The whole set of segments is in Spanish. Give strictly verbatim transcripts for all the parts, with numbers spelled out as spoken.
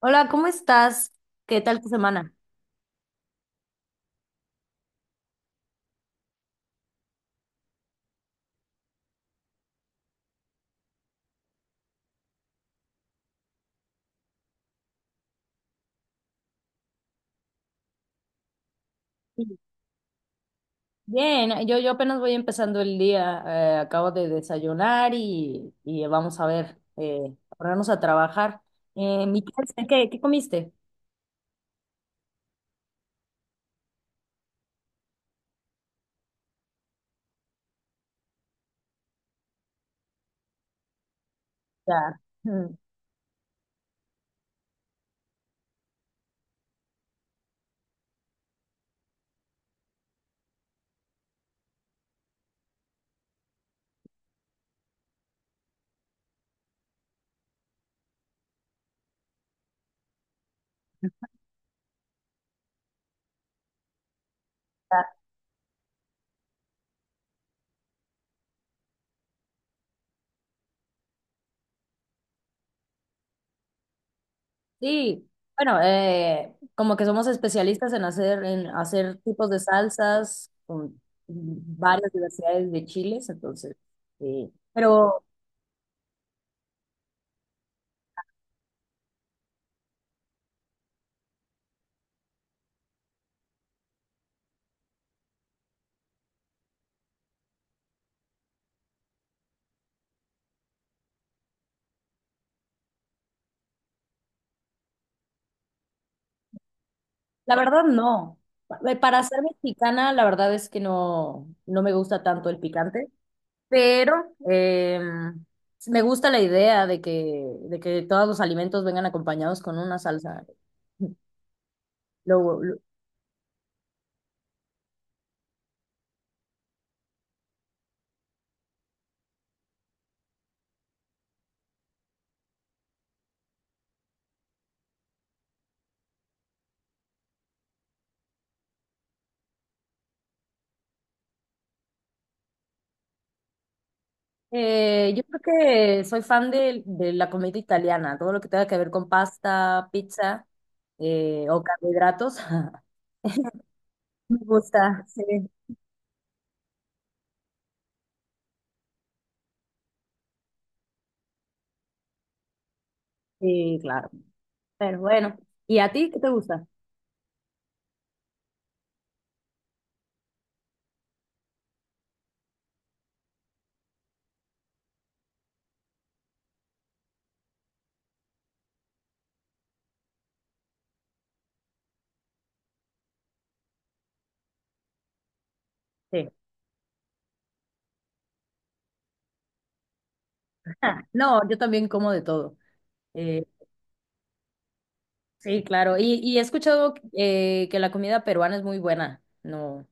Hola, ¿cómo estás? ¿Qué tal tu semana? Sí. Bien, yo, yo apenas voy empezando el día, eh, acabo de desayunar y, y vamos a ver, eh, ponernos a trabajar. Eh, mi clase, ¿qué, qué comiste? Ya. mm, ya. Sí, bueno, eh, como que somos especialistas en hacer, en hacer tipos de salsas con varias diversidades de chiles, entonces, sí. Pero la verdad, no. Pa- Para ser mexicana, la verdad es que no, no me gusta tanto el picante, pero eh, me gusta la idea de que, de que todos los alimentos vengan acompañados con una salsa. Lo- lo- eh, yo creo que soy fan de, de la comida italiana, todo lo que tenga que ver con pasta, pizza, eh, o carbohidratos. Me gusta, sí, sí, claro. Pero bueno, ¿y a ti qué te gusta? Sí. No, yo también como de todo. Eh, sí, claro. Y, y he escuchado, eh, que la comida peruana es muy buena. No.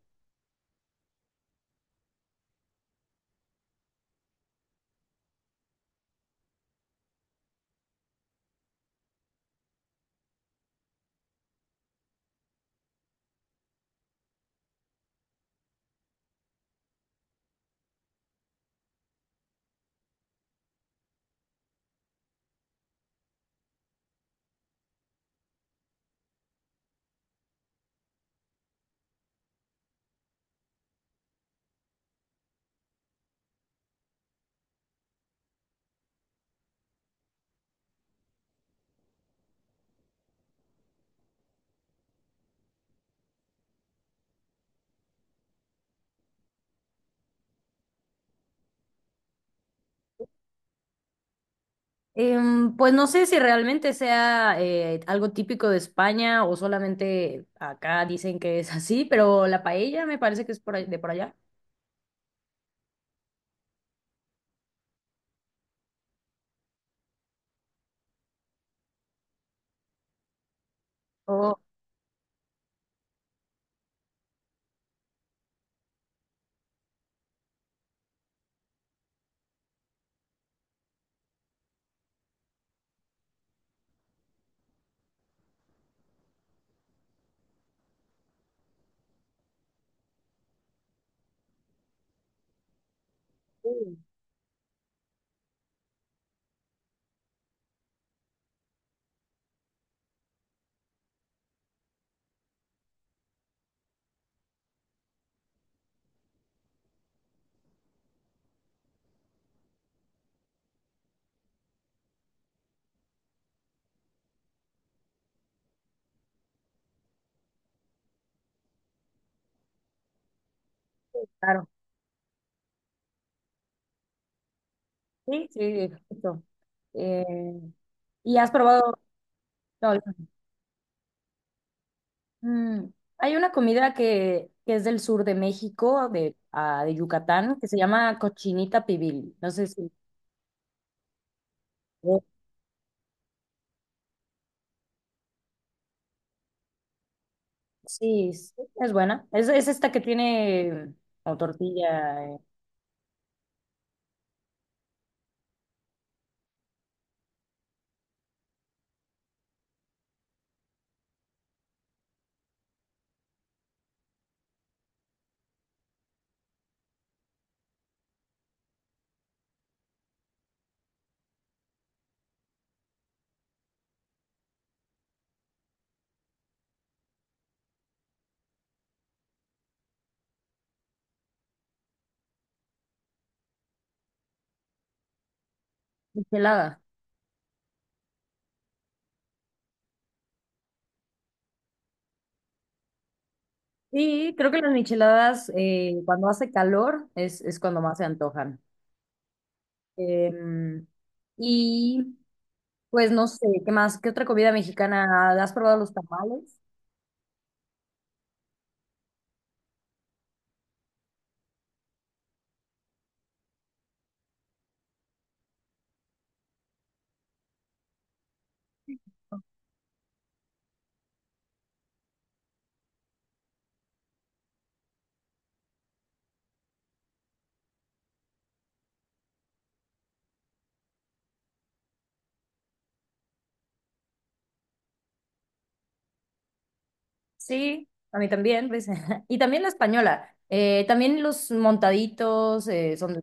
Em, pues no sé si realmente sea eh, algo típico de España o solamente acá dicen que es así, pero la paella me parece que es por ahí- de por allá. Oh, sí, sí, claro. Sí, sí, justo. Eh, ¿y has probado? No, mm, hay una comida que, que es del sur de México, de, ah, de Yucatán, que se llama cochinita pibil. No sé si... Sí, sí, es buena. Es, es esta que tiene como tortilla, eh, michelada. Sí, creo que las micheladas, eh, cuando hace calor es, es cuando más se antojan. Em, y pues no sé, ¿qué más? ¿Qué otra comida mexicana? ¿Has probado los tamales? Sí, a mí también, pues. Y también la española. Eh, también los montaditos, eh, son...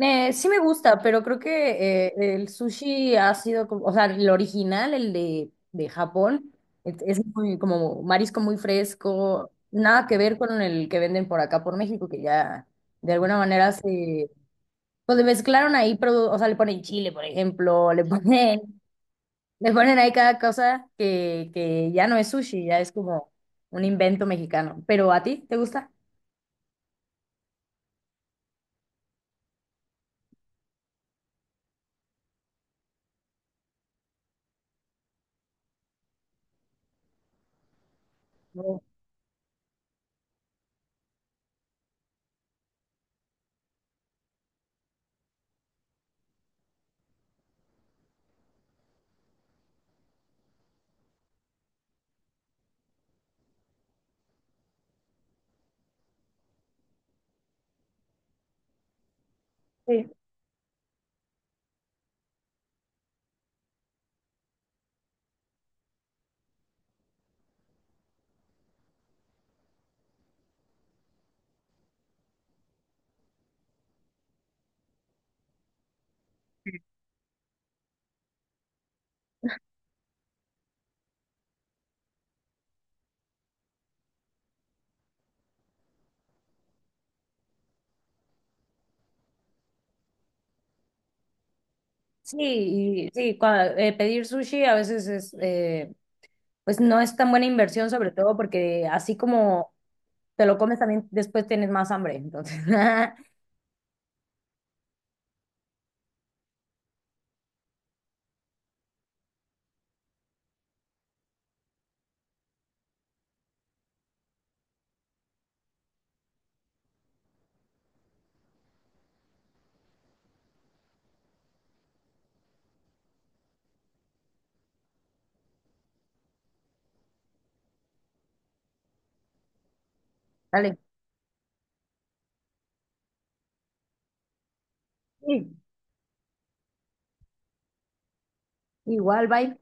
Eh, sí me gusta, pero creo que eh, el sushi ha sido, como- o sea, el original, el de, de Japón, es, es muy, como marisco muy fresco, nada que ver con el que venden por acá, por México, que ya de alguna manera se, pues le mezclaron ahí, produ- o sea, le ponen chile, por ejemplo, le ponen, le ponen ahí cada cosa que, que ya no es sushi, ya es como un invento mexicano. Pero ¿a ti te gusta? No. Sí, sí, y- sí, cua- eh, pedir sushi a veces es... eh, pues no es tan buena inversión, sobre todo porque así como te lo comes también después tienes más hambre. Entonces, dale. Sí, igual, bye.